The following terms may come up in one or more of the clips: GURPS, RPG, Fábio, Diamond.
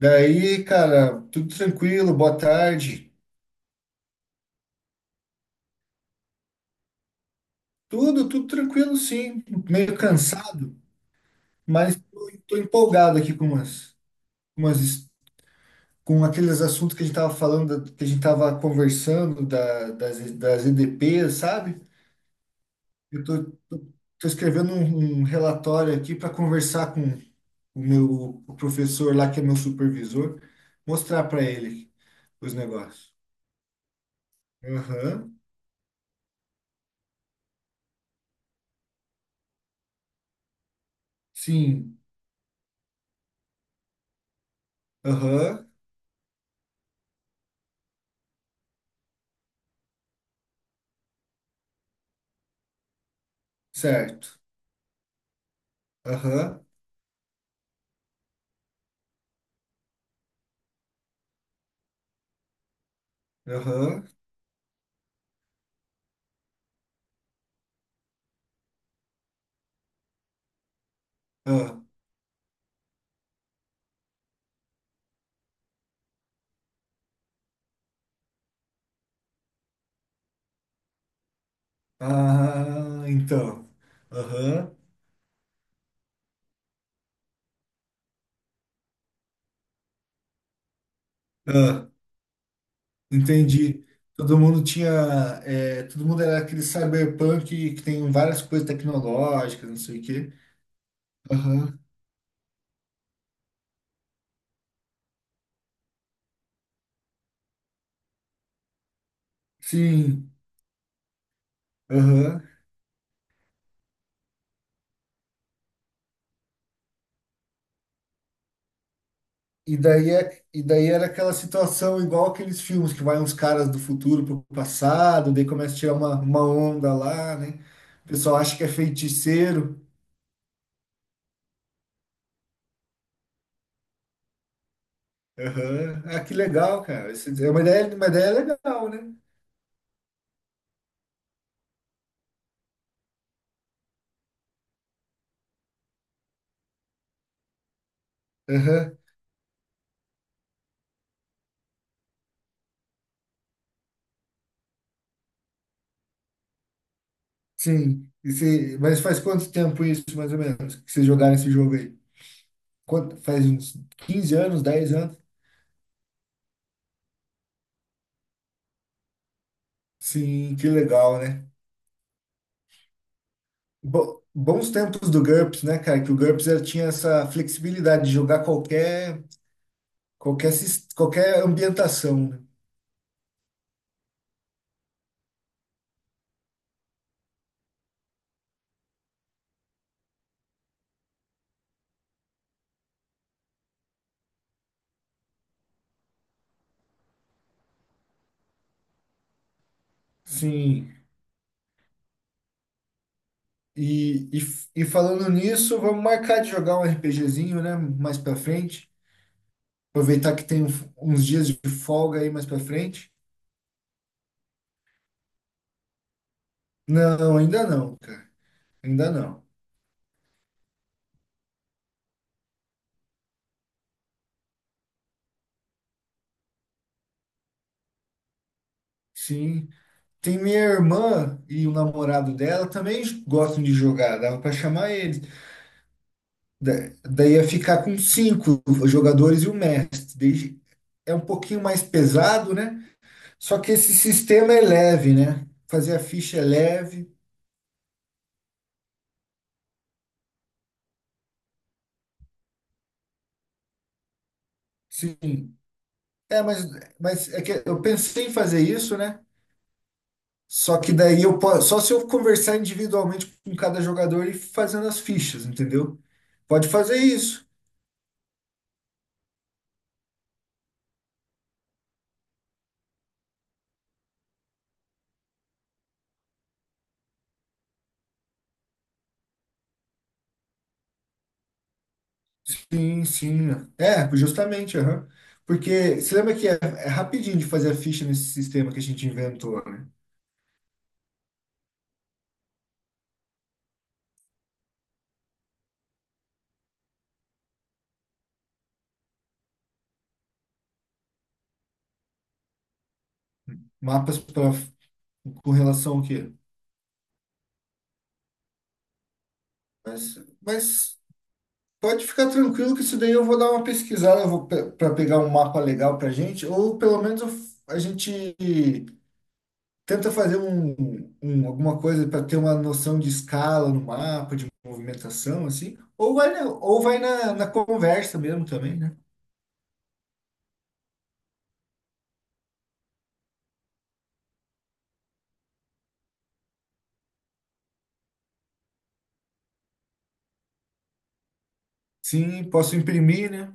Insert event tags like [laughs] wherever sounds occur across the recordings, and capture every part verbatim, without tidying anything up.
Daí, cara, tudo tranquilo, boa tarde. Tudo, tudo tranquilo, sim. Meio cansado, mas tô, tô empolgado aqui com umas, umas, his- com aqueles assuntos que a gente tava falando, que a gente tava conversando da, das, das E D Ps, sabe? Eu tô, tô, tô escrevendo um, um relatório aqui para conversar com o meu o professor lá, que é meu supervisor, mostrar para ele os negócios. Aham, sim, aham, certo. Aham, aham, ah, ah, então, aham, ah, entendi. Todo mundo tinha, é, todo mundo era aquele cyberpunk que tem várias coisas tecnológicas, não sei o quê. Aham, sim, aham. E daí, é, e daí era aquela situação igual aqueles filmes que vai uns caras do futuro pro passado, daí começa a tirar uma, uma onda lá, né? O pessoal acha que é feiticeiro. Aham, ah, que legal, cara. Esse- É uma ideia, uma ideia legal, né? Aham, sim. E você- mas faz quanto tempo isso, mais ou menos, que vocês jogaram esse jogo aí? Quanto, faz uns quinze anos, dez anos? Sim, que legal, né? Bo- bons tempos do GURPS, né, cara? Que o GURPS ele tinha essa flexibilidade de jogar qualquer, qualquer, sis- qualquer ambientação, né? Sim. E, e, f- e falando nisso, vamos marcar de jogar um RPGzinho, né? Mais pra frente. Aproveitar que tem um f- uns dias de folga aí mais pra frente. Não, ainda não, cara. Ainda não. Sim. Tem minha irmã e o namorado dela também gostam de jogar, dava para chamar eles. Da- Daí ia ficar com cinco jogadores e o mestre. Daí é um pouquinho mais pesado, né? Só que esse sistema é leve, né? Fazer a ficha é leve. Sim. É, mas, mas é que eu pensei em fazer isso, né? Só que daí eu posso, só se eu conversar individualmente com cada jogador e fazendo as fichas, entendeu? Pode fazer isso. Sim, sim. É, justamente, aham. Porque você lembra que é, é rapidinho de fazer a ficha nesse sistema que a gente inventou, né? Mapas pra, com relação ao quê? Mas, mas pode ficar tranquilo que isso daí eu vou dar uma pesquisada, eu vou pe- pra pegar um mapa legal pra gente, ou pelo menos eu f- a gente tenta fazer um, um- alguma coisa para ter uma noção de escala no mapa, de movimentação, assim, ou vai na, ou vai na, na conversa mesmo também, né? Sim, posso imprimir, né?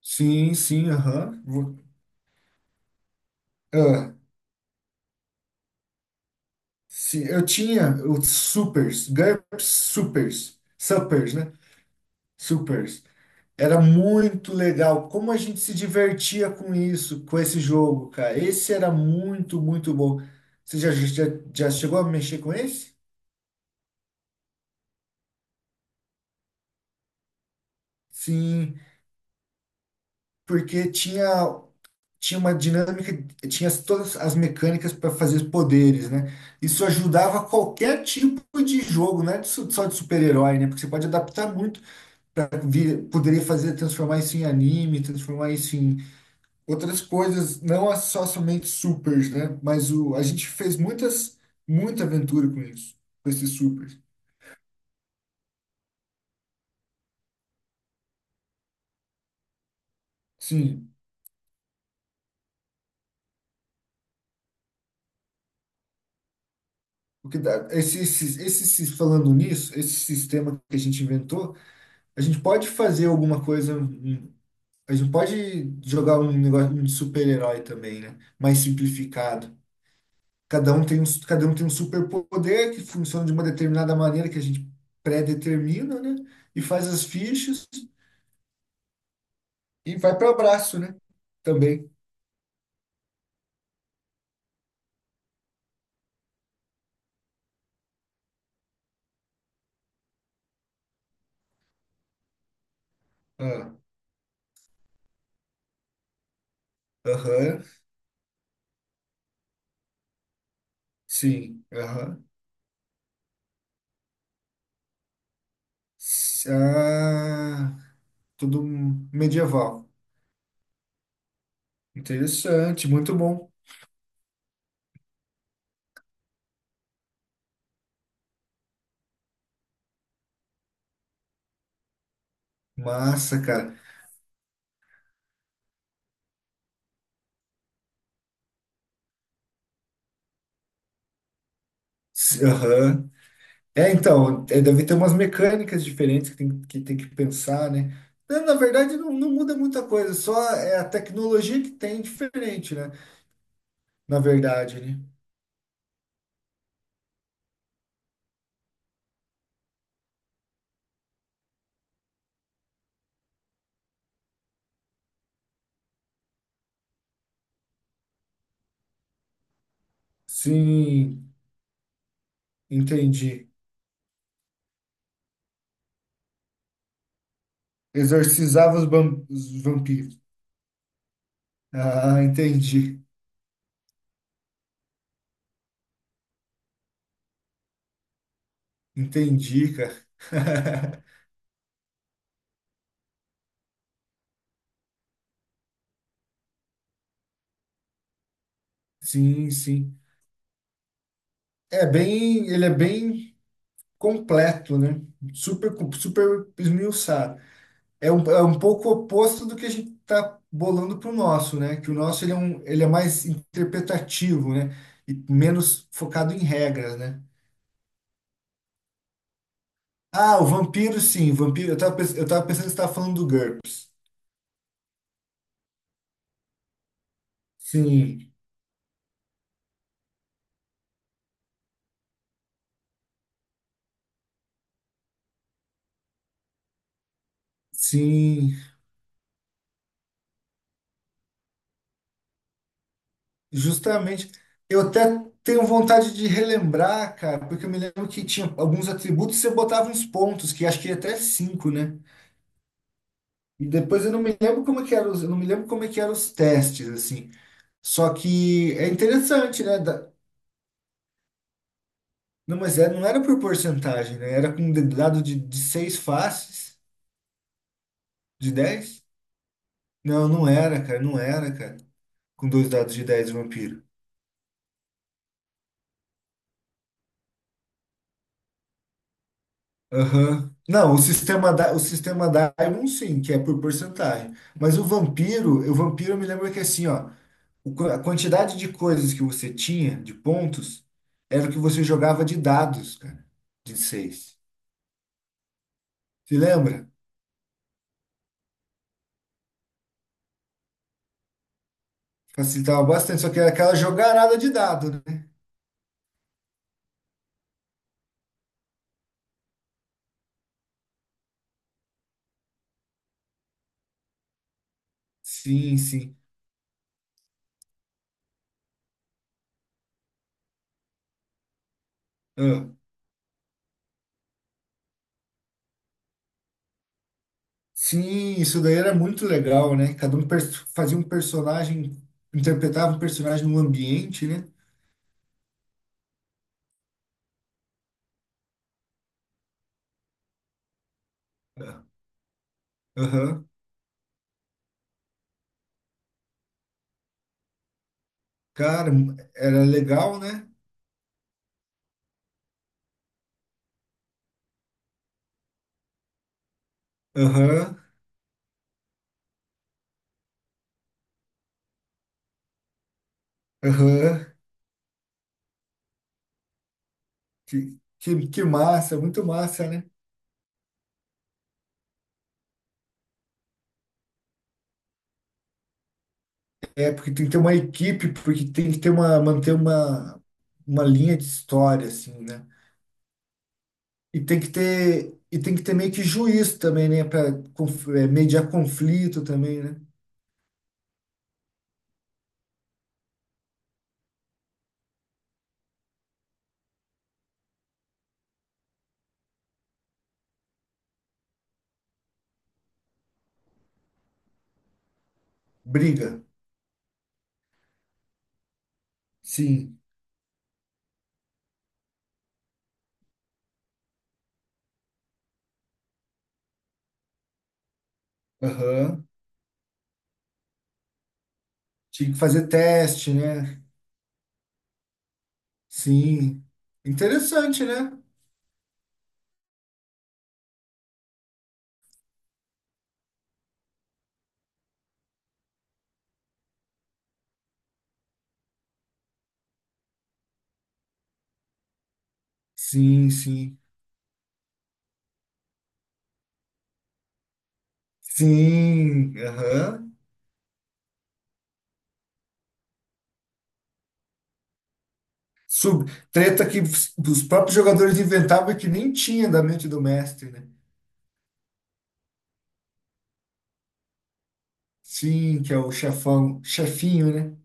Sim, sim, aham. Vo- ah, sim, eu tinha os supers, GURPS supers, suppers, né? Supers. Era muito legal. Como a gente se divertia com isso, com esse jogo, cara. Esse era muito, muito bom. Você já, já, já chegou a mexer com esse? Sim, porque tinha. tinha uma dinâmica, tinha as- todas as mecânicas para fazer os poderes, né? Isso ajudava qualquer tipo de jogo, não é de su- só de super-herói, né? Porque você pode adaptar muito para poderia fazer transformar isso em anime, transformar isso em outras coisas, não a- só somente supers, né? Mas o, a gente fez muitas, muita aventura com isso, com esses supers. Sim. O que dá, esse, esse, esse, sis- falando nisso, esse sistema que a gente inventou, a gente pode fazer alguma coisa hum, A gente não pode jogar um negócio um de super-herói também, né? Mais simplificado. Cada um tem um, cada um tem um superpoder que funciona de uma determinada maneira que a gente pré-determina, né? E faz as fichas e vai para abraço, né? Também. Ah, aham, sim, aham. S- Ah, tudo medieval. Interessante, muito bom. Massa, cara. S- Aham. É, então, é, deve ter umas mecânicas diferentes que tem que, tem que pensar, né? Na na verdade, não, não muda muita coisa, só é a tecnologia que tem diferente, né? Na verdade, né? Sim, entendi. Exorcizava os, bam- os vampiros. Ah, entendi. Entendi, cara. [laughs] Sim, sim. É bem, ele é bem completo, né? Super, super esmiuçado. É um, é um pouco oposto do que a gente está bolando para o nosso, né? Que o nosso ele é, um, ele é mais interpretativo, né? E menos focado em regras, né? Ah, o vampiro, sim, o vampiro. Eu estava eu tava pensando que você estava falando do GURPS. Sim, sim, justamente. Eu até tenho vontade de relembrar, cara, porque eu me lembro que tinha alguns atributos que você botava uns pontos, que acho que ia até cinco, né? E depois eu não me lembro como é que eram os, eu não me lembro como é que eram os testes, assim. Só que é interessante, né? Da- Não, mas é, não era por porcentagem, né? Era com de- dado de, de seis faces, de dez. Não, não era, cara, não era, cara. Com dois dados de dez vampiro. Aham. Não, o sistema da, o sistema Diamond sim, que é por porcentagem. Mas o vampiro, o vampiro eu me lembro que assim, ó, o qu- a quantidade de coisas que você tinha, de pontos, era o que você jogava de dados, cara, de seis. Se lembra? Facilitava bastante, só que era aquela jogarada de dado, né? Sim, sim. Ah, sim, isso daí era muito legal, né? Cada um pers- fazia um personagem, interpretava um personagem no ambiente, né? Ah, aham. Cara, era legal, né? Aham, aham. Que, que, que massa, muito massa, né? É, porque tem que ter uma equipe, porque tem que ter uma, manter uma, uma linha de história, assim, né? E tem que ter, e tem que ter meio que juízo também, né? Para mediar conflito também, né? Briga. Sim. Aham. Tinha que fazer teste, né? Sim. Interessante, né? Sim, sim. Sim. Aham. Sub, Treta que os os próprios jogadores inventavam e que nem tinha da mente do mestre, né? Sim, que é o chefão, chefinho, né?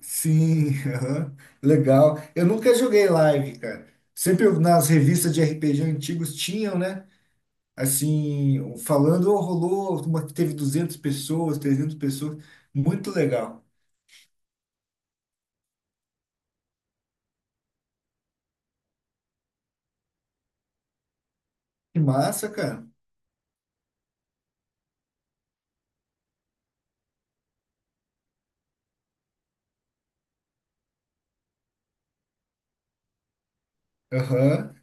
Sim, [laughs] aham. Legal. Eu nunca joguei live, cara. Sempre eu- nas revistas de R P G antigos tinham, né? Assim, falando, "Oh, rolou uma que teve duzentas pessoas, trezentas pessoas. Muito legal. Que massa, cara. Aham.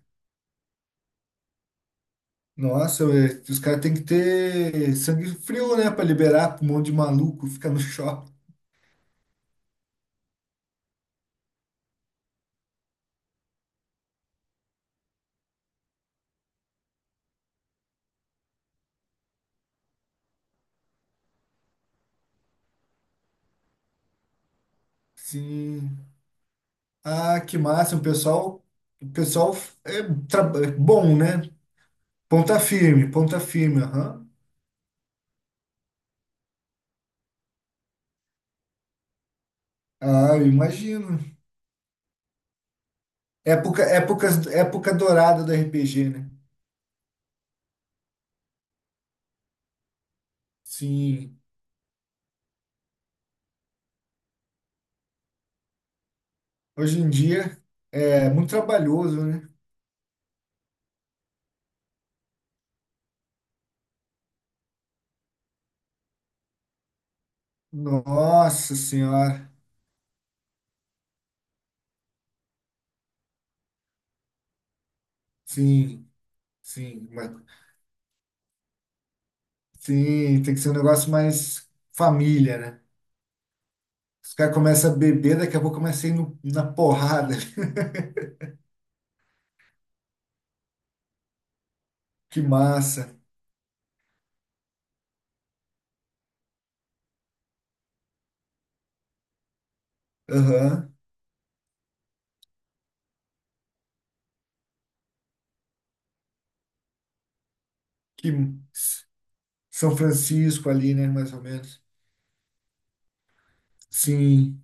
Nossa, ué, os caras têm que ter sangue frio, né? Pra liberar um monte de maluco, ficar no [laughs] shopping. Sim. Ah, que massa. O pessoal, o pessoal é, tra- é bom, né? Ponta firme, ponta firme, aham. Ah, eu imagino. Época, época, época dourada do R P G, né? Sim. Hoje em dia é muito trabalhoso, né? Nossa Senhora. Sim, sim. mas- Sim, tem que ser um negócio mais família, né? Os caras começam a beber, daqui a pouco começa a ir no- na porrada. [laughs] Que massa. Aham. Que São Francisco ali, né? Mais ou menos. Sim.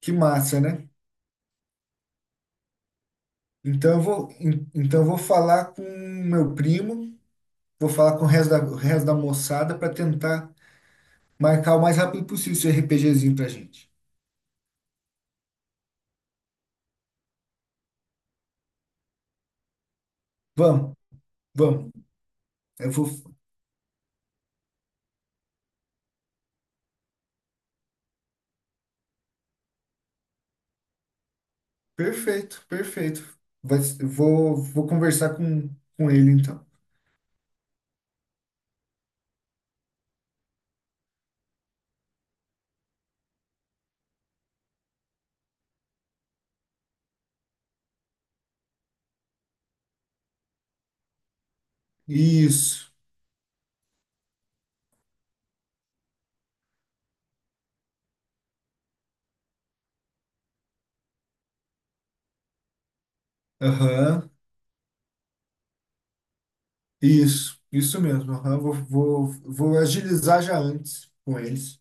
Que massa, né? Então eu vou, en- então eu vou falar com meu primo. Vou falar com o resto da, o resto da moçada para tentar marcar o mais rápido possível esse RPGzinho pra gente. Vamos, vamos. Eu vou. Perfeito, perfeito. Vai, s- eu vou, vou conversar com, com ele então. Isso. Aham. Isso. Isso mesmo. Aham. Vou, vou, vou agilizar já antes com eles.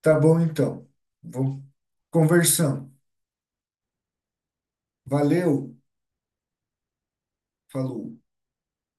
Tá bom então. Vou conversando. Valeu. Falou.